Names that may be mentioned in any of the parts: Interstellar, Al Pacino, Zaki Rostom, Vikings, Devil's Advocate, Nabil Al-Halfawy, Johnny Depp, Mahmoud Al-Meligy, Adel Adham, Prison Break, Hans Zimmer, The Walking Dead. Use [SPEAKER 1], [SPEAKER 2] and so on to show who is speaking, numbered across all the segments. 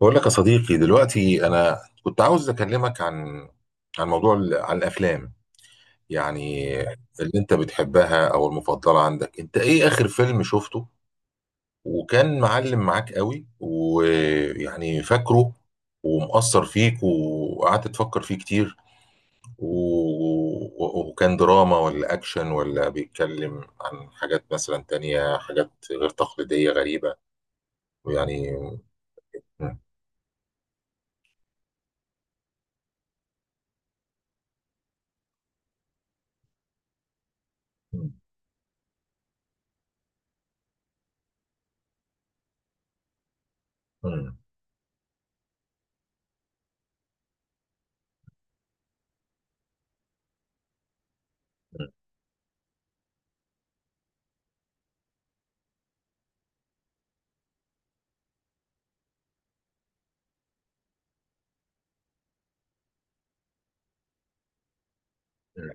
[SPEAKER 1] بقول لك يا صديقي دلوقتي انا كنت عاوز اكلمك عن موضوع عن الافلام، يعني اللي انت بتحبها او المفضله عندك؟ انت ايه اخر فيلم شفته وكان معلم معاك قوي ويعني فاكره ومأثر فيك وقعدت تفكر فيه كتير و... و- وكان دراما ولا اكشن ولا بيتكلم عن حاجات مثلا تانية، حاجات غير تقليديه غريبه ويعني م- م- م- م-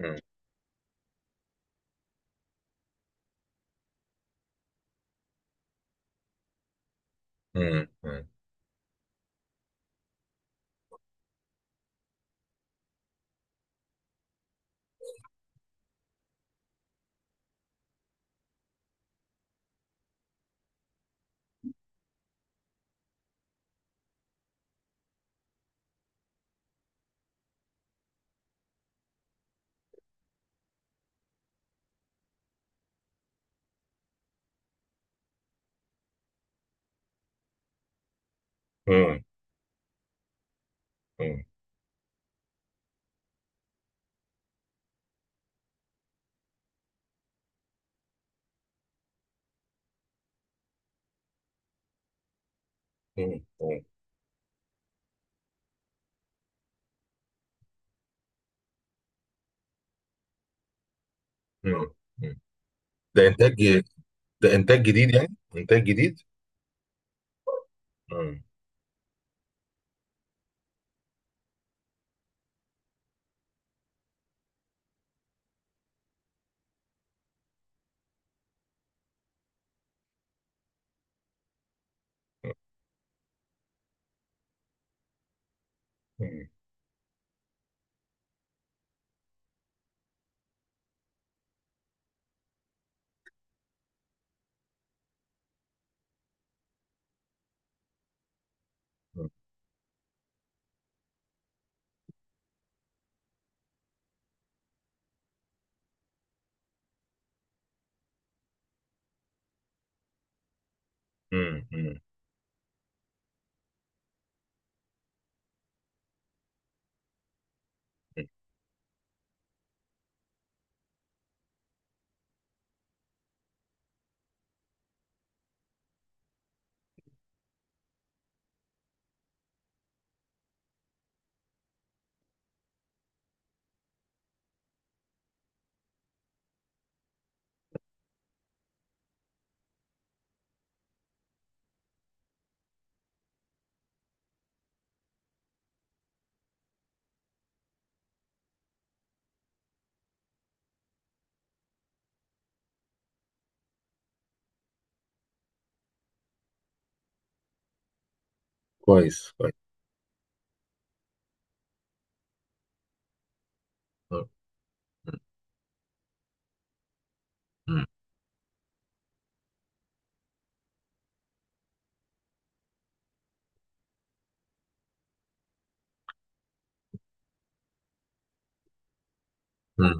[SPEAKER 1] م- مم. مم. مم. مم. مم. مم. مم. ده انتاج ده انتاج جديد، يعني انتاج جديد. مم. مم. مم. مم. مم. كويس كويس. مم. مم. مم.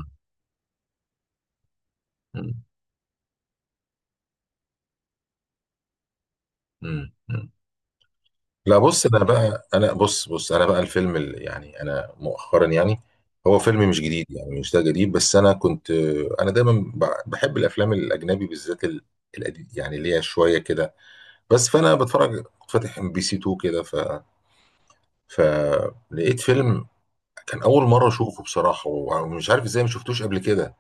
[SPEAKER 1] مم. مم. مم. لا، بص، انا بقى الفيلم اللي يعني انا مؤخرا، يعني هو فيلم مش جديد، يعني مش ده جديد، بس انا كنت، انا دايما بحب الافلام الاجنبي بالذات القديم، يعني اللي هي شويه كده. بس فانا بتفرج كنت فاتح MBC 2 كده، فلقيت فيلم كان اول مره اشوفه بصراحه، ومش عارف ازاي ما شفتوش قبل كده.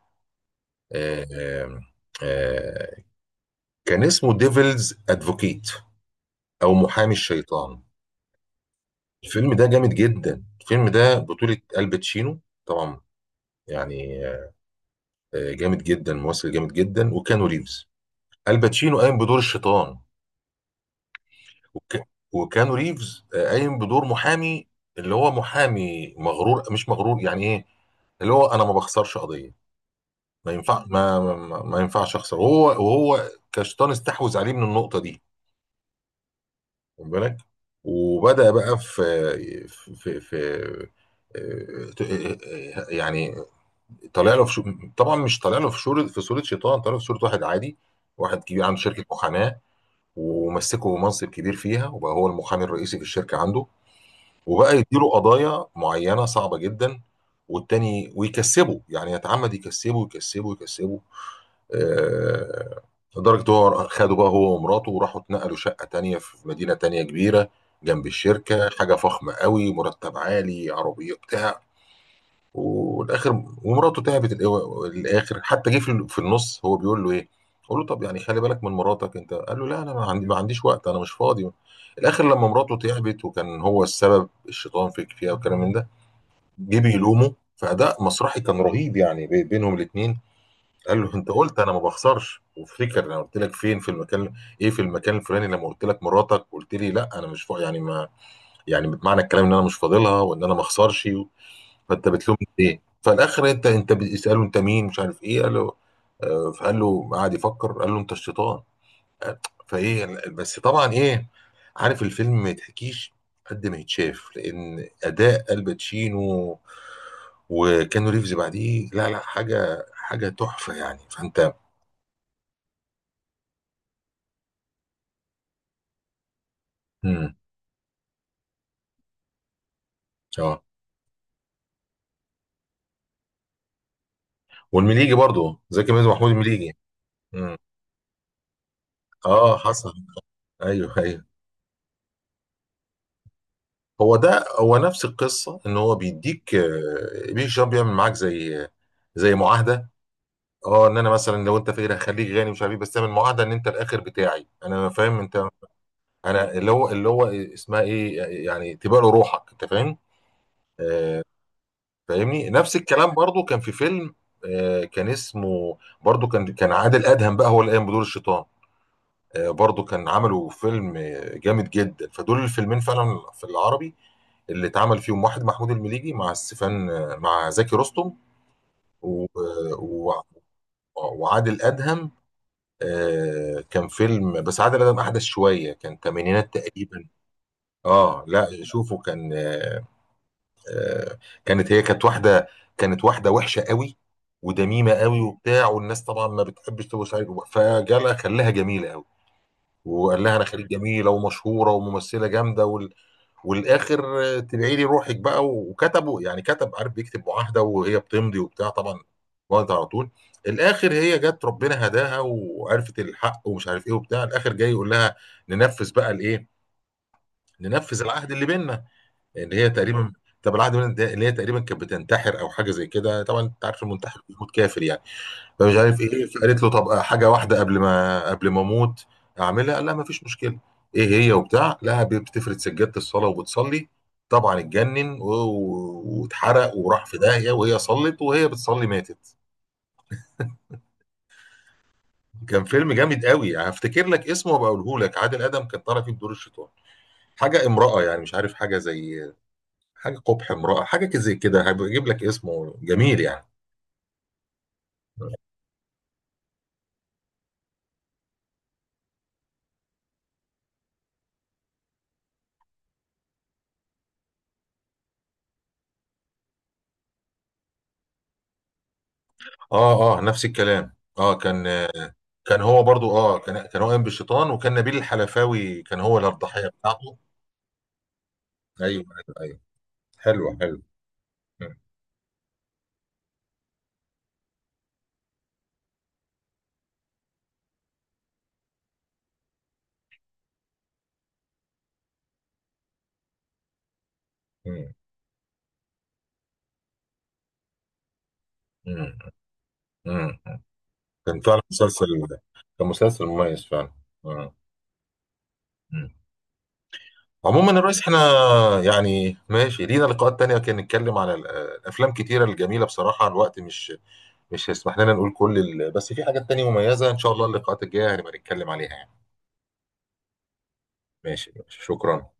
[SPEAKER 1] آه، آه، آه، كان اسمه ديفلز ادفوكيت او محامي الشيطان. الفيلم ده جامد جدا، الفيلم ده بطولة الباتشينو طبعا، يعني جامد جدا، ممثل جامد جدا، وكانو ريفز. الباتشينو قايم بدور الشيطان، وك... وكانو ريفز قايم بدور محامي، اللي هو محامي مغرور، مش مغرور، يعني ايه، اللي هو انا ما بخسرش قضية. ما ينفع، ما ينفعش اخسر، وهو كشيطان استحوذ عليه من النقطه دي. خد بالك، وبدا بقى في يعني، طالع له طبعا مش طالع له في شورة، في صوره شيطان، طالع له في صوره واحد عادي، واحد كبير عنده شركه محاماه، ومسكه منصب كبير فيها، وبقى هو المحامي الرئيسي في الشركه عنده، وبقى يديله قضايا معينه صعبه جدا والتاني، ويكسبه يعني يتعمد يكسبه. آه، لدرجة هو خدوا بقى هو ومراته وراحوا اتنقلوا شقة تانية في مدينة تانية كبيرة جنب الشركة، حاجة فخمة قوي، مرتب عالي، عربية، بتاع. والاخر ومراته تعبت، الاخر حتى جه في النص هو بيقول له ايه، قول له طب يعني خلي بالك من مراتك انت، قال له لا انا ما عنديش وقت، انا مش فاضي. الاخر لما مراته تعبت، وكان هو السبب الشيطان فيك فيها والكلام من ده، جه بيلومه، فاداء مسرحي كان رهيب يعني بينهم الاثنين. قال له انت قلت انا ما بخسرش، وافتكر انا قلت لك فين في المكان، ايه، في المكان الفلاني، لما قلت لك مراتك قلت لي لا انا مش فا... يعني ما، يعني معنى الكلام ان انا مش فاضلها وان انا ما اخسرش و... فانت بتلومني ليه؟ فالاخر، انت بيساله انت مين، مش عارف ايه، قال له فقال له، قعد يفكر قال له انت الشيطان. آه، فايه بس طبعا ايه. عارف الفيلم ما يتحكيش قد ما يتشاف، لان اداء الباتشينو وكانو ريفز بعديه، لا لا، حاجه تحفه يعني. فانت امم اه، والمليجي برضو، زكي ميزو، محمود المليجي. امم اه حصل. ايوه ايوه. هو ده نفس القصه، ان هو بيديك بيك شاب بيعمل معاك زي معاهده. اه، ان انا مثلا لو انت فقير هخليك غني، مش عارف ايه، بس تعمل معاهده ان انت الاخر بتاعي، انا فاهم انت. انا اللي هو اسمها ايه، يعني تبقى له روحك، انت فاهم. آه. فاهمني، نفس الكلام برضو كان في فيلم. آه كان اسمه، برضو كان كان عادل ادهم بقى هو اللي قام بدور الشيطان. برضو كان عملوا فيلم جامد جدا. فدول الفيلمين فعلا في العربي اللي اتعمل فيهم واحد محمود المليجي مع ستيفان مع زكي رستم، و- آه، و- وعادل أدهم. كان فيلم بس عادل أدهم أحدث شوية، كان تمانينات تقريبا. اه لا شوفوا كان آه، كانت هي، كانت واحدة وحشة قوي ودميمة قوي وبتاع، والناس طبعا ما بتحبش تبص عليها، فجالها خلاها جميلة قوي، وقال لها انا خريج، جميله ومشهوره وممثله جامده وال... والاخر تبعي لي روحك بقى، وكتبوا يعني كتب، عارف بيكتب معاهده وهي بتمضي وبتاع طبعا، وقت على طول. الاخر هي جت ربنا هداها وعرفت الحق ومش عارف ايه وبتاع، الاخر جاي يقول لها ننفذ بقى الايه، ننفذ العهد اللي بيننا، اللي هي تقريبا، طب العهد اللي بيننا ده اللي هي تقريبا كانت بتنتحر او حاجه زي كده، طبعا انت عارف المنتحر بيموت كافر يعني، فمش عارف ايه، فقالت له طب حاجه واحده قبل ما اموت اعملها. قال لها ما فيش مشكله. ايه هي وبتاع؟ لا، بتفرد سجاده الصلاه وبتصلي، طبعا اتجنن واتحرق وراح في داهيه، وهي صلت وهي بتصلي ماتت. كان فيلم جامد قوي، هفتكر لك اسمه وابقى اقوله لك. عادل ادم كان طالع فيه بدور الشيطان، حاجه امراه يعني، مش عارف، حاجه زي، حاجه قبح امراه، حاجه زي كده، هجيب لك اسمه جميل يعني. اه اه نفس الكلام. اه كان كان هو برضو، اه كان كان هو قايم بالشيطان، وكان نبيل الحلفاوي كان هو الضحيه بتاعته. ايوه ايوه ايوه. حلوه حلوه. مم. مم. مم. مم. كان فعلا مسلسل، كان مسلسل مميز فعلا. مم. مم. عموما يا ريس، احنا يعني ماشي لينا لقاءات تانية كان نتكلم على الافلام كتيرة الجميلة، بصراحة الوقت مش، مش هيسمح لنا نقول كل ال... بس في حاجات تانية مميزة ان شاء الله، اللقاءات الجاية هنبقى نتكلم عليها يعني. ماشي ماشي، شكرا.